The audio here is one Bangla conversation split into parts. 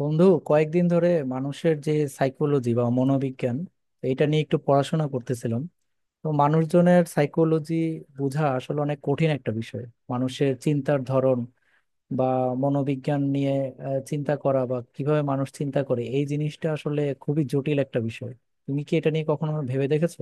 বন্ধু, কয়েকদিন ধরে মানুষের যে সাইকোলজি বা মনোবিজ্ঞান এটা নিয়ে একটু পড়াশোনা করতেছিলাম। তো মানুষজনের সাইকোলজি বোঝা আসলে অনেক কঠিন একটা বিষয়। মানুষের চিন্তার ধরন বা মনোবিজ্ঞান নিয়ে চিন্তা করা বা কিভাবে মানুষ চিন্তা করে এই জিনিসটা আসলে খুবই জটিল একটা বিষয়। তুমি কি এটা নিয়ে কখনো ভেবে দেখেছো?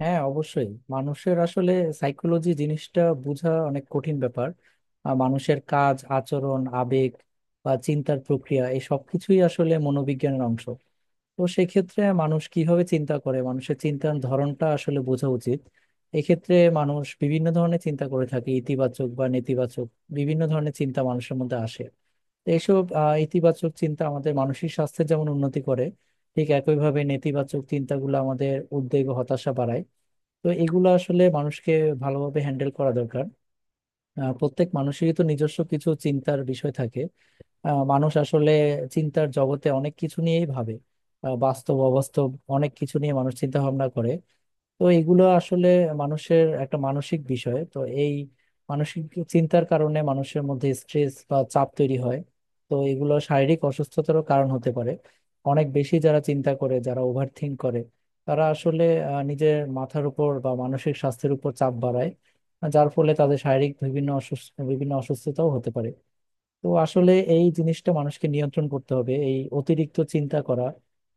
হ্যাঁ, অবশ্যই মানুষের আসলে সাইকোলজি জিনিসটা বোঝা অনেক কঠিন ব্যাপার। আর মানুষের কাজ, আচরণ, আবেগ বা চিন্তার প্রক্রিয়া এই সব কিছুই আসলে মনোবিজ্ঞানের অংশ। তো সেক্ষেত্রে মানুষ কিভাবে চিন্তা করে, মানুষের চিন্তার ধরনটা আসলে বোঝা উচিত। এক্ষেত্রে মানুষ বিভিন্ন ধরনের চিন্তা করে থাকে, ইতিবাচক বা নেতিবাচক বিভিন্ন ধরনের চিন্তা মানুষের মধ্যে আসে। তো এইসব ইতিবাচক চিন্তা আমাদের মানসিক স্বাস্থ্যের যেমন উন্নতি করে, ঠিক একইভাবে নেতিবাচক চিন্তাগুলো আমাদের উদ্বেগ ও হতাশা বাড়ায়। তো এগুলো আসলে মানুষকে ভালোভাবে হ্যান্ডেল করা দরকার। প্রত্যেক মানুষেরই তো নিজস্ব কিছু চিন্তার বিষয় থাকে। মানুষ আসলে চিন্তার জগতে অনেক কিছু নিয়েই ভাবে। বাস্তব, অবাস্তব অনেক কিছু নিয়ে মানুষ চিন্তা ভাবনা করে। তো এগুলো আসলে মানুষের একটা মানসিক বিষয়। তো এই মানসিক চিন্তার কারণে মানুষের মধ্যে স্ট্রেস বা চাপ তৈরি হয়। তো এগুলো শারীরিক অসুস্থতারও কারণ হতে পারে। অনেক বেশি যারা চিন্তা করে, যারা ওভার থিঙ্ক করে, তারা আসলে নিজের মাথার উপর বা মানসিক স্বাস্থ্যের উপর চাপ বাড়ায়, যার ফলে তাদের শারীরিক বিভিন্ন অসুস্থ বিভিন্ন অসুস্থতাও হতে পারে। তো আসলে এই জিনিসটা মানুষকে নিয়ন্ত্রণ করতে হবে, এই অতিরিক্ত চিন্তা করা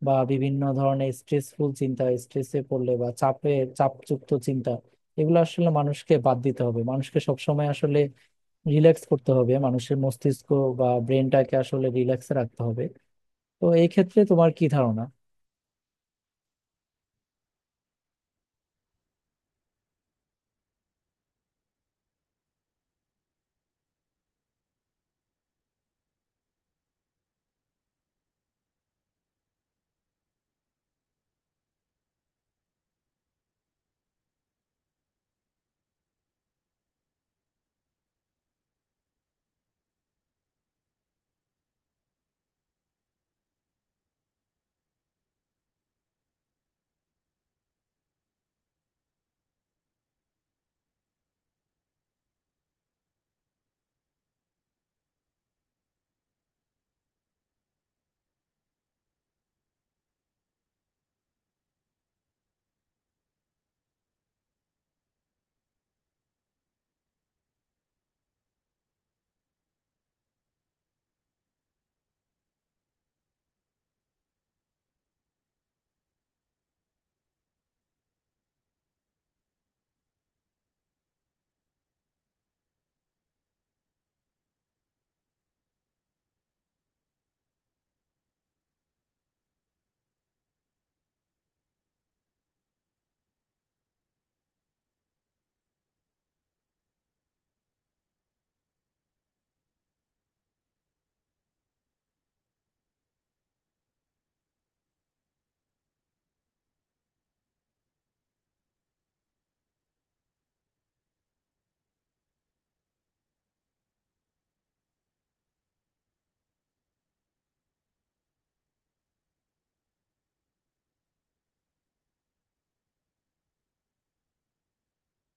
বা বিভিন্ন ধরনের স্ট্রেসফুল চিন্তা, স্ট্রেসে পড়লে বা চাপে, চাপযুক্ত চিন্তা, এগুলো আসলে মানুষকে বাদ দিতে হবে। মানুষকে সবসময় আসলে রিল্যাক্স করতে হবে, মানুষের মস্তিষ্ক বা ব্রেনটাকে আসলে রিল্যাক্সে রাখতে হবে। তো এই ক্ষেত্রে তোমার কি ধারণা?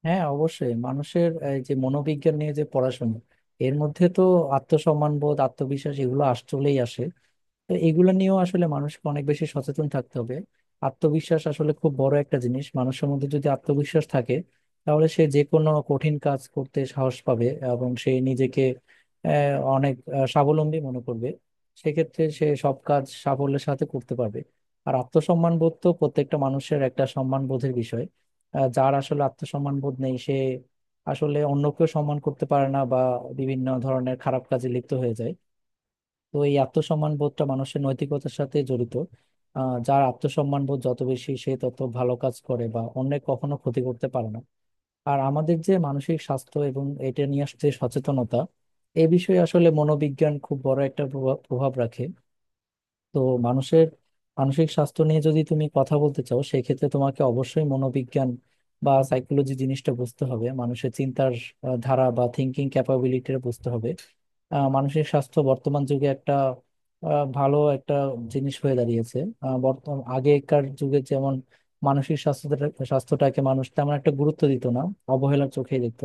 হ্যাঁ, অবশ্যই মানুষের এই যে মনোবিজ্ঞান নিয়ে যে পড়াশোনা, এর মধ্যে তো আত্মসম্মান বোধ, আত্মবিশ্বাস এগুলো আসলেই আসে। তো এগুলো নিয়েও আসলে মানুষকে অনেক বেশি সচেতন থাকতে হবে। আত্মবিশ্বাস আসলে খুব বড় একটা জিনিস। মানুষের মধ্যে যদি আত্মবিশ্বাস থাকে, তাহলে সে যে কোনো কঠিন কাজ করতে সাহস পাবে এবং সে নিজেকে অনেক স্বাবলম্বী মনে করবে। সেক্ষেত্রে সে সব কাজ সাফল্যের সাথে করতে পারবে। আর আত্মসম্মান বোধ তো প্রত্যেকটা মানুষের একটা সম্মান বোধের বিষয়। যার আসলে আত্মসম্মান বোধ নেই, সে আসলে অন্যকেও সম্মান করতে পারে না বা বিভিন্ন ধরনের খারাপ কাজে লিপ্ত হয়ে যায়। তো এই আত্মসম্মান বোধটা মানুষের নৈতিকতার সাথে জড়িত। যার আত্মসম্মান বোধ যত বেশি, সে তত ভালো কাজ করে বা অন্যের কখনো ক্ষতি করতে পারে না। আর আমাদের যে মানসিক স্বাস্থ্য এবং এটা নিয়ে যে সচেতনতা, এ বিষয়ে আসলে মনোবিজ্ঞান খুব বড় একটা প্রভাব প্রভাব রাখে। তো মানুষের মানসিক স্বাস্থ্য নিয়ে যদি তুমি কথা বলতে চাও, সেক্ষেত্রে তোমাকে অবশ্যই মনোবিজ্ঞান বা সাইকোলজি জিনিসটা বুঝতে হবে, মানুষের চিন্তার ধারা বা থিঙ্কিং ক্যাপাবিলিটিটা বুঝতে হবে। মানসিক স্বাস্থ্য বর্তমান যুগে একটা ভালো একটা জিনিস হয়ে দাঁড়িয়েছে। বর্তমান আগেকার যুগে যেমন মানসিক স্বাস্থ্যটাকে মানুষ তেমন একটা গুরুত্ব দিত না, অবহেলার চোখেই দেখতো।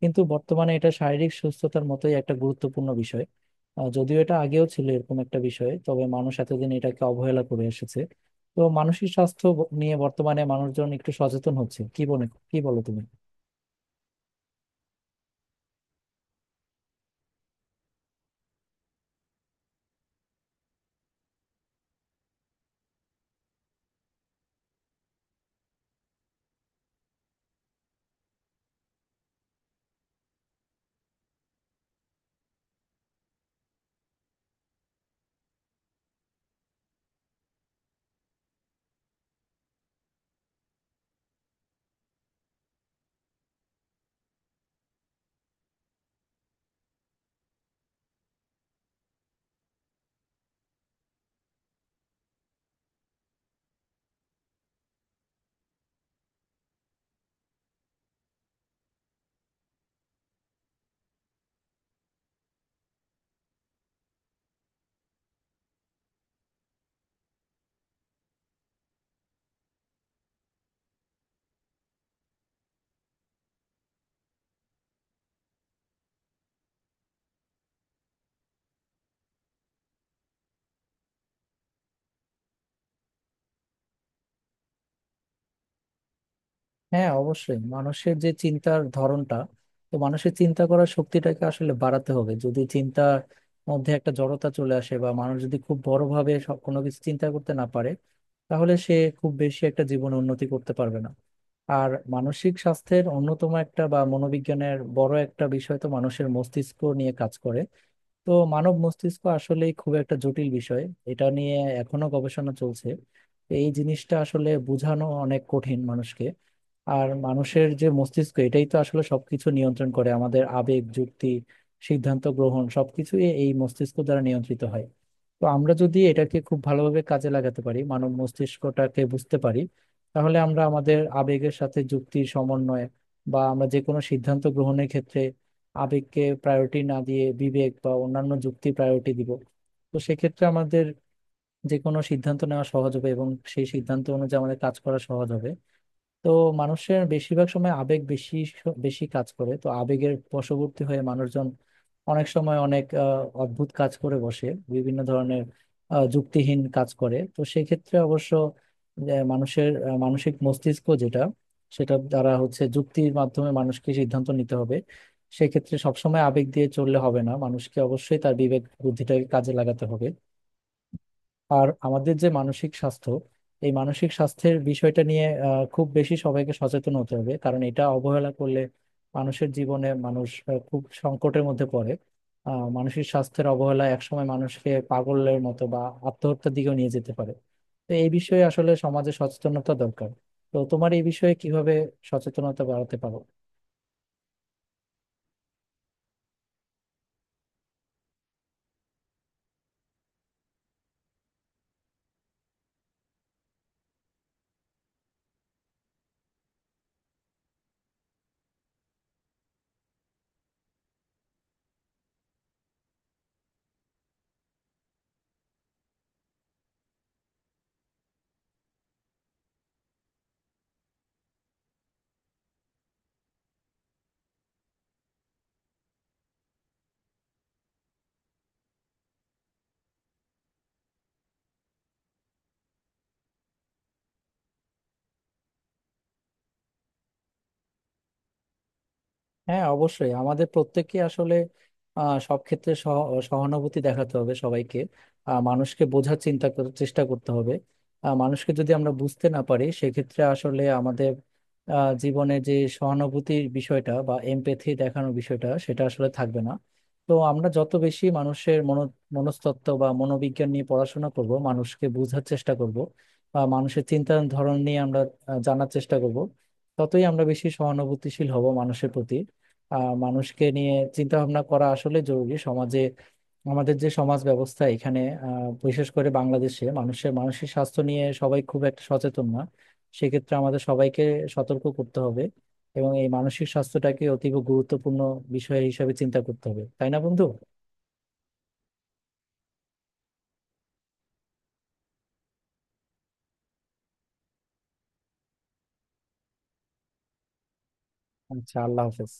কিন্তু বর্তমানে এটা শারীরিক সুস্থতার মতোই একটা গুরুত্বপূর্ণ বিষয়। যদিও এটা আগেও ছিল এরকম একটা বিষয়, তবে মানুষ এতদিন এটাকে অবহেলা করে এসেছে। তো মানসিক স্বাস্থ্য নিয়ে বর্তমানে মানুষজন একটু সচেতন হচ্ছে, কি বলে, কি বলো তুমি? হ্যাঁ, অবশ্যই মানুষের যে চিন্তার ধরনটা, তো মানুষের চিন্তা করার শক্তিটাকে আসলে বাড়াতে হবে। যদি চিন্তার মধ্যে একটা জড়তা চলে আসে বা মানুষ যদি খুব বড়ভাবে সব কোনো কিছু চিন্তা করতে না পারে, তাহলে সে খুব বেশি একটা জীবনে উন্নতি করতে পারবে না। আর মানসিক স্বাস্থ্যের অন্যতম একটা বা মনোবিজ্ঞানের বড় একটা বিষয় তো মানুষের মস্তিষ্ক নিয়ে কাজ করে। তো মানব মস্তিষ্ক আসলেই খুব একটা জটিল বিষয়, এটা নিয়ে এখনো গবেষণা চলছে। তো এই জিনিসটা আসলে বোঝানো অনেক কঠিন মানুষকে। আর মানুষের যে মস্তিষ্ক, এটাই তো আসলে সবকিছু নিয়ন্ত্রণ করে। আমাদের আবেগ, যুক্তি, সিদ্ধান্ত গ্রহণ সবকিছু এই মস্তিষ্ক দ্বারা নিয়ন্ত্রিত হয়। তো আমরা যদি এটাকে খুব ভালোভাবে কাজে লাগাতে পারি, মানব মস্তিষ্কটাকে বুঝতে পারি, তাহলে আমরা আমাদের আবেগের সাথে যুক্তির সমন্বয় বা আমরা যে কোনো সিদ্ধান্ত গ্রহণের ক্ষেত্রে আবেগকে প্রায়োরিটি না দিয়ে বিবেক বা অন্যান্য যুক্তি প্রায়োরিটি দিব। তো সেক্ষেত্রে আমাদের যে কোনো সিদ্ধান্ত নেওয়া সহজ হবে এবং সেই সিদ্ধান্ত অনুযায়ী আমাদের কাজ করা সহজ হবে। তো মানুষের বেশিরভাগ সময় আবেগ বেশি বেশি কাজ করে। তো আবেগের বশবর্তী হয়ে মানুষজন অনেক সময় অনেক অদ্ভুত কাজ করে বসে, বিভিন্ন ধরনের যুক্তিহীন কাজ করে। তো সেক্ষেত্রে অবশ্য যে মানুষের মানসিক মস্তিষ্ক যেটা, সেটা দ্বারা হচ্ছে যুক্তির মাধ্যমে মানুষকে সিদ্ধান্ত নিতে হবে। সেক্ষেত্রে সবসময় আবেগ দিয়ে চললে হবে না, মানুষকে অবশ্যই তার বিবেক বুদ্ধিটাকে কাজে লাগাতে হবে। আর আমাদের যে মানসিক স্বাস্থ্য, এই মানসিক স্বাস্থ্যের বিষয়টা নিয়ে খুব বেশি সবাইকে সচেতন হতে হবে। কারণ এটা অবহেলা করলে মানুষের জীবনে মানুষ খুব সংকটের মধ্যে পড়ে। মানসিক স্বাস্থ্যের অবহেলা একসময় মানুষকে পাগলের মতো বা আত্মহত্যার দিকেও নিয়ে যেতে পারে। তো এই বিষয়ে আসলে সমাজে সচেতনতা দরকার। তো তোমার এই বিষয়ে কিভাবে সচেতনতা বাড়াতে পারো? হ্যাঁ, অবশ্যই আমাদের প্রত্যেককে আসলে সব ক্ষেত্রে সহানুভূতি দেখাতে হবে সবাইকে। মানুষকে বোঝার, চিন্তা করার চেষ্টা করতে হবে। মানুষকে যদি আমরা বুঝতে না পারি, সেক্ষেত্রে আসলে আমাদের জীবনে যে সহানুভূতির বিষয়টা বা এমপ্যাথি দেখানোর বিষয়টা সেটা আসলে থাকবে না। তো আমরা যত বেশি মানুষের মনস্তত্ত্ব বা মনোবিজ্ঞান নিয়ে পড়াশোনা করব, মানুষকে বোঝার চেষ্টা করব বা মানুষের চিন্তার ধরন নিয়ে আমরা জানার চেষ্টা করব, ততই আমরা বেশি সহানুভূতিশীল হব মানুষের প্রতি। মানুষকে নিয়ে চিন্তা ভাবনা করা আসলে জরুরি সমাজে। আমাদের যে সমাজ ব্যবস্থা, এখানে বিশেষ করে বাংলাদেশে মানুষের মানসিক স্বাস্থ্য নিয়ে সবাই খুব একটা সচেতন না। সেক্ষেত্রে আমাদের সবাইকে সতর্ক করতে হবে এবং এই মানসিক স্বাস্থ্যটাকে অতীব গুরুত্বপূর্ণ বিষয় হিসেবে চিন্তা করতে হবে, তাই না বন্ধু? আচ্ছা, আল্লাহ হাফেজ।